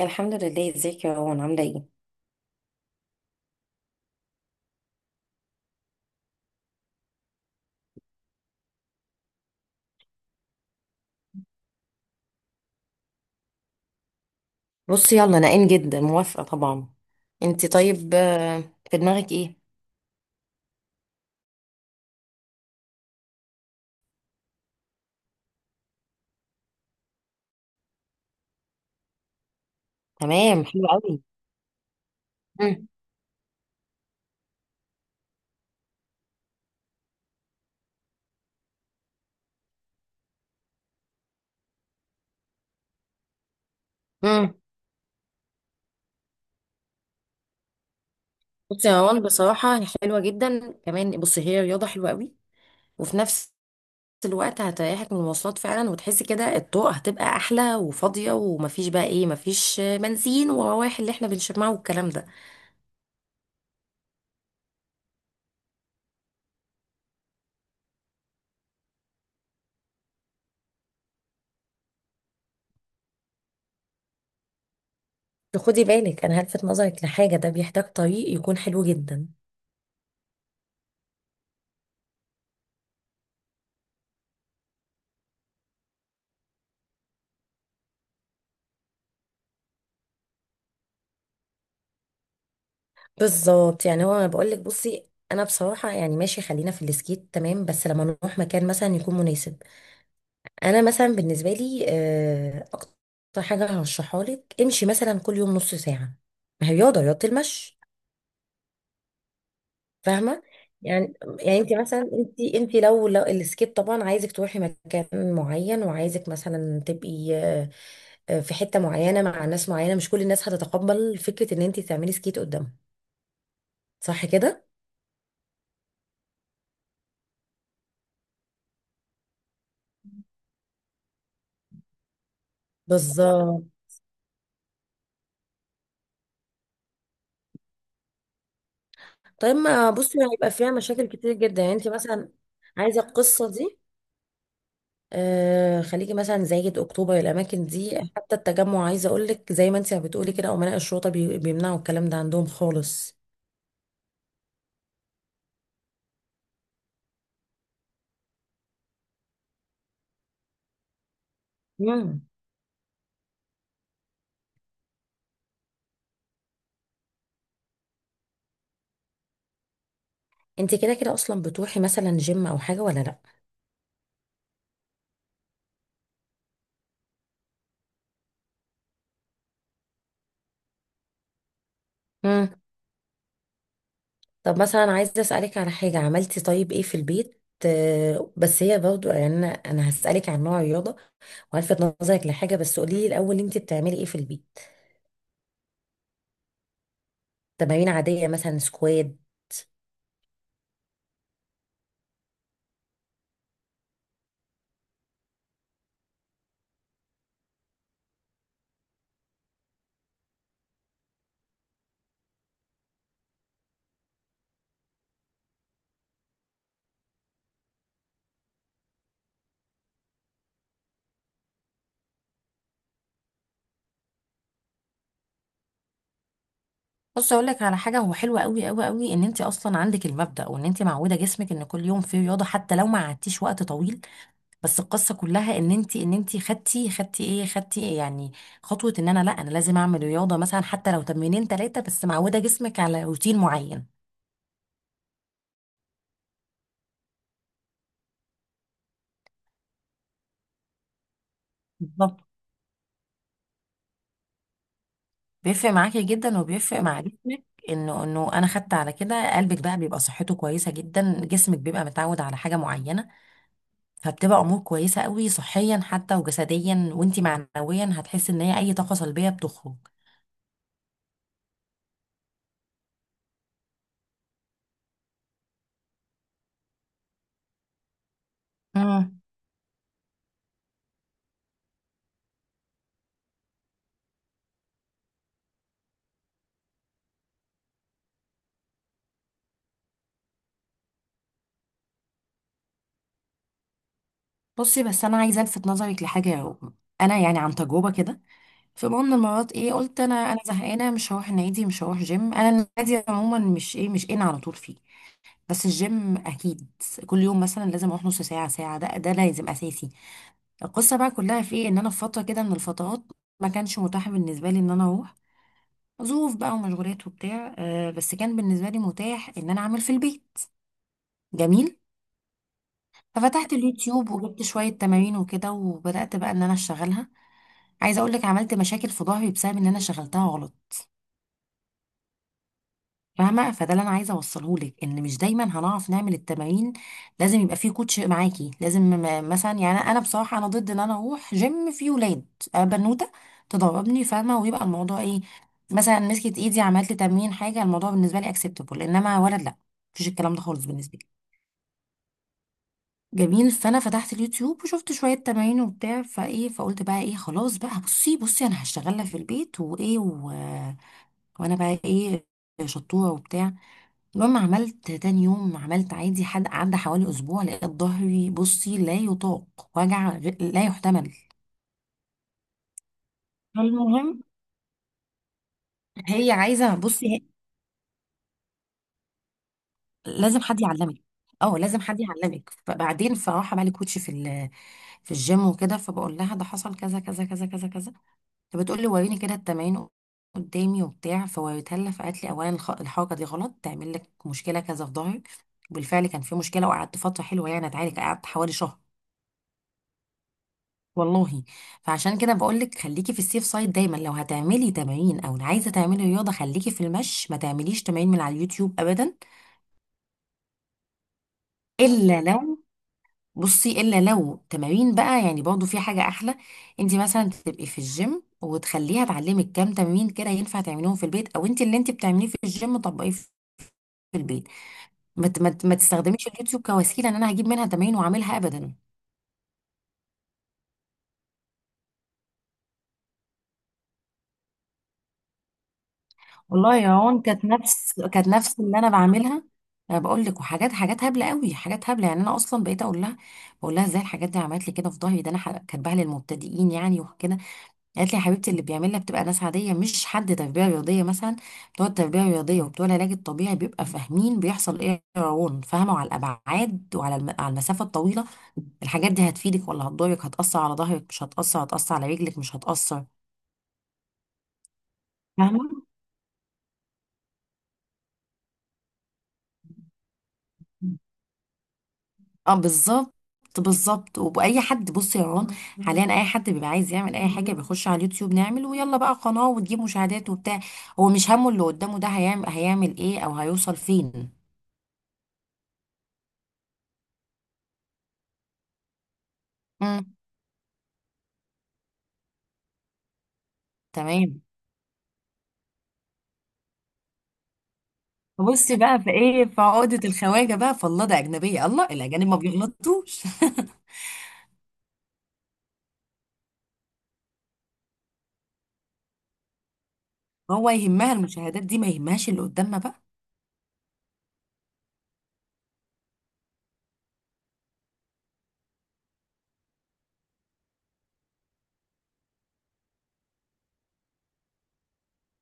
الحمد لله، ازيك يا روان؟ عاملة ايه؟ بصي يلا انا جدا موافقة طبعا. انت طيب؟ في دماغك ايه؟ تمام، حلو قوي. مم. مم. بصي يا روان، بصراحة هي حلوة جدا. كمان بصي هي رياضة حلوة قوي وفي نفس الوقت هتريحك من المواصلات فعلا، وتحسي كده الطرق هتبقى احلى وفاضية، ومفيش بقى ايه، مفيش بنزين ورواح اللي احنا بنشمعه والكلام ده. خدي بالك، انا هلفت نظرك لحاجة، ده بيحتاج طريق يكون حلو جدا. بالظبط. يعني هو انا بقول لك، بصي انا بصراحه يعني ماشي، خلينا في السكيت تمام، بس لما نروح مكان مثلا يكون مناسب. انا مثلا بالنسبه لي اكتر حاجه هرشحها لك، امشي مثلا كل يوم نص ساعه. ما هي رياضه المشي. فاهمه. يعني يعني انت مثلا، انت لو السكيت طبعا، عايزك تروحي مكان معين، وعايزك مثلا تبقي في حته معينه مع ناس معينه، مش كل الناس هتتقبل فكره ان انت تعملي سكيت قدامهم. صح كده؟ بالظبط. طيب ما بصي هيبقى فيها مشاكل كتير جدا يعني، انت مثلا عايزه القصه دي، آه خليكي مثلا زايد، اكتوبر، الاماكن دي، حتى التجمع، عايزه اقول لك زي ما انت بتقولي كده، امناء الشرطه بيمنعوا الكلام ده عندهم خالص. امم انت كده كده اصلا بتروحي مثلا جيم او حاجه، ولا لا؟ امم طب مثلا عايزه اسالك على حاجه، عملتي طيب ايه في البيت؟ بس هي برضو يعني انا هسالك عن نوع الرياضه والفت نظرك لحاجه، بس قولي لي الاول، انت بتعملي ايه في البيت؟ تمارين عاديه مثلا سكوات؟ بص اقول لك على حاجه، هو حلو قوي قوي قوي ان انت اصلا عندك المبدا، وان انت معوده جسمك ان كل يوم فيه رياضه حتى لو ما قعدتيش وقت طويل. بس القصه كلها ان انت خدتي ايه، خدتي إيه يعني، خطوه، ان انا لا، انا لازم اعمل رياضه مثلا حتى لو تمرينين ثلاثه، بس معوده جسمك على روتين معين. بالظبط. بيفرق معاكي جدا، وبيفرق مع جسمك، انه انا خدت على كده، قلبك بقى بيبقى صحته كويسه جدا، جسمك بيبقى متعود على حاجه معينه. فبتبقى امور كويسه قوي صحيا حتى وجسديا، وانتي معنويا هتحسي ان هي اي طاقه سلبيه بتخرج. امم بصي، بس انا عايزه الفت نظرك لحاجه يا رغم. انا يعني عن تجربه كده، في مره من المرات ايه، قلت انا زهقانه، مش هروح النادي، مش هروح جيم. انا النادي عموما مش ان على طول فيه، بس الجيم اكيد كل يوم مثلا لازم اروح نص ساعه ساعه، ده لازم اساسي. القصه بقى كلها في ايه، ان انا في فتره كده من الفترات ما كانش متاح بالنسبه لي ان انا اروح، ظروف بقى ومشغولات وبتاع، بس كان بالنسبة لي متاح ان انا اعمل في البيت. جميل. ففتحت اليوتيوب وجبت شوية تمارين وكده، وبدأت بقى ان انا اشتغلها. عايزة اقولك عملت مشاكل في ظهري بسبب ان انا شغلتها غلط. فاهمه؟ فده اللي انا عايزه اوصله لك، ان مش دايما هنعرف نعمل التمارين، لازم يبقى فيه كوتش معاكي لازم. مثلا يعني انا بصراحه انا ضد ان انا اروح جيم فيه ولاد. أنا بنوته تدربني، فاهمه؟ ويبقى الموضوع ايه، مثلا مسكت ايدي عملت لي تمرين حاجه، الموضوع بالنسبه لي اكسبتابل. انما ولد لا، مفيش الكلام ده خالص بالنسبه لي. جميل. فانا فتحت اليوتيوب وشفت شويه تمارين وبتاع فايه، فقلت بقى ايه، خلاص بقى، بصي انا هشتغلها في البيت وايه، وانا بقى ايه، شطوره وبتاع. المهم عملت تاني يوم، عملت عادي، حد عدى حوالي اسبوع لقيت ظهري بصي لا يطاق، وجع لا يحتمل. المهم هي عايزه، بصي هي لازم حد يعلمك، اه لازم حد يعلمك. فبعدين فراح عمل لي كوتش في في الجيم وكده، فبقول لها ده حصل كذا كذا كذا كذا كذا، فبتقول لي وريني كده التمارين قدامي وبتاع، فوريتها لها فقالت لي: اولا الحركه دي غلط، تعمل لك مشكله كذا في ظهرك. بالفعل كان في مشكله، وقعدت فتره حلوه يعني اتعالج، قعدت حوالي شهر، والله. فعشان كده بقول لك خليكي في السيف سايد دايما، لو هتعملي تمارين او عايزه تعملي رياضه خليكي في المشي، ما تعمليش تمارين من على اليوتيوب ابدا. الا لو، بصي الا لو تمارين بقى يعني، برضه في حاجه احلى، انت مثلا تبقي في الجيم وتخليها تعلمك كام تمرين كده ينفع تعمليهم في البيت، او انت اللي انت بتعمليه في الجيم طبقيه في البيت. ما تستخدميش اليوتيوب كوسيله ان انا هجيب منها تمارين واعملها ابدا. والله يا هون، كانت نفس اللي انا بعملها. انا بقول لك، وحاجات، حاجات هبله قوي، حاجات هبله يعني. انا اصلا بقيت اقول لها، بقول لها ازاي الحاجات دي عملت لي كده في ظهري ده، انا كاتباها للمبتدئين يعني وكده. قالت لي: يا حبيبتي، اللي بيعملها بتبقى ناس عاديه، مش حد تربيه رياضيه مثلا. بتوع التربيه الرياضيه وبتوع العلاج الطبيعي بيبقى فاهمين بيحصل ايه. روان، فاهمه، على الابعاد وعلى على المسافه الطويله الحاجات دي هتفيدك ولا هتضرك، هتاثر على ظهرك مش هتاثر، هتاثر على رجلك مش هتاثر. فاهمه؟ اه بالظبط. بالظبط، وبأي حد. بصي يا رون، حاليا اي حد بيبقى عايز يعمل اي حاجه بيخش على اليوتيوب، نعمل ويلا بقى قناه وتجيب مشاهدات وبتاع، هو مش همه اللي قدامه ده هيعمل ايه او هيوصل فين. امم، تمام. بصي بقى في ايه، في عقدة الخواجة بقى، فالله، ده أجنبية، الله، الأجانب ما بيغلطوش. هو يهمها المشاهدات دي، ما يهمهاش اللي قدامنا بقى.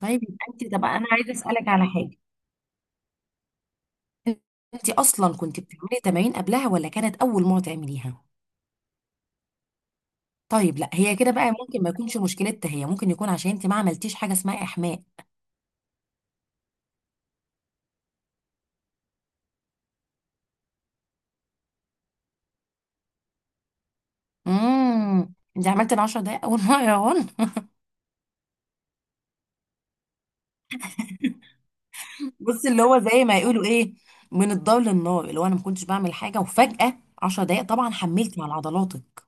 طيب يبقى انت، طب انا عايزة أسألك على حاجة، انت اصلا كنت بتعملي تمارين قبلها ولا كانت اول مرة تعمليها؟ طيب لا، هي كده بقى ممكن ما يكونش مشكلتها، هي ممكن يكون عشان انت ما عملتيش حاجة اسمها احماء. انت عملت ال 10 دقايق اول مرة يا هون؟ بصي اللي هو زي ما يقولوا ايه، من الضل للنار، اللي هو انا ما كنتش بعمل حاجة وفجأة 10 دقايق، طبعا حملتي على عضلاتك.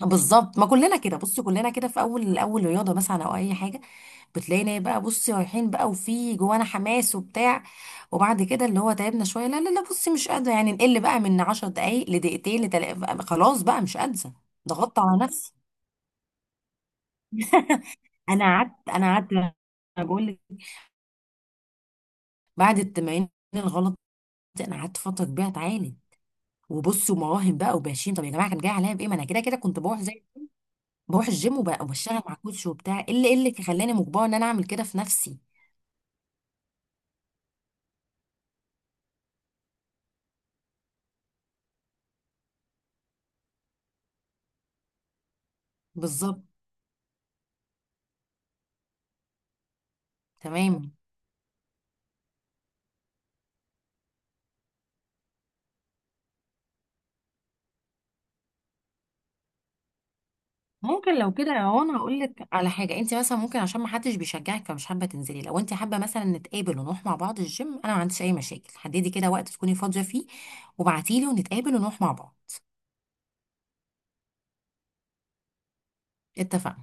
بالظبط، ما كلنا كده. بصي كلنا كده في اول رياضه مثلا او اي حاجه، بتلاقينا إيه بقى، بصي رايحين بقى وفي جوانا حماس وبتاع، وبعد كده اللي هو تعبنا شويه، لا لا لا، بصي مش قادره يعني، نقل بقى من 10 دقائق لدقيقتين خلاص بقى مش قادره، ضغطت على نفسي. انا قعدت بقول لك، بعد التمارين الغلط دي، انا قعدت فتره كبيره اتعالج، وبصي، ومراهم بقى وباشين، طب يا جماعه كان جاي عليا بايه، ما انا كده كده كنت بروح، زي بروح الجيم، وبشتغل مع كوتش وبتاع، ايه اللي إيه اللي خلاني مجبره ان انا اعمل كده في نفسي. بالظبط. تمام، ممكن لو كده يا انا هقول لك على حاجه، انت مثلا ممكن عشان ما حدش بيشجعك فمش حابه تنزلي، لو انت حابه مثلا نتقابل ونروح مع بعض الجيم، انا ما عنديش اي مشاكل، حددي كده وقت تكوني فاضيه فيه وابعتيلي ونتقابل ونروح مع بعض. اتفقنا.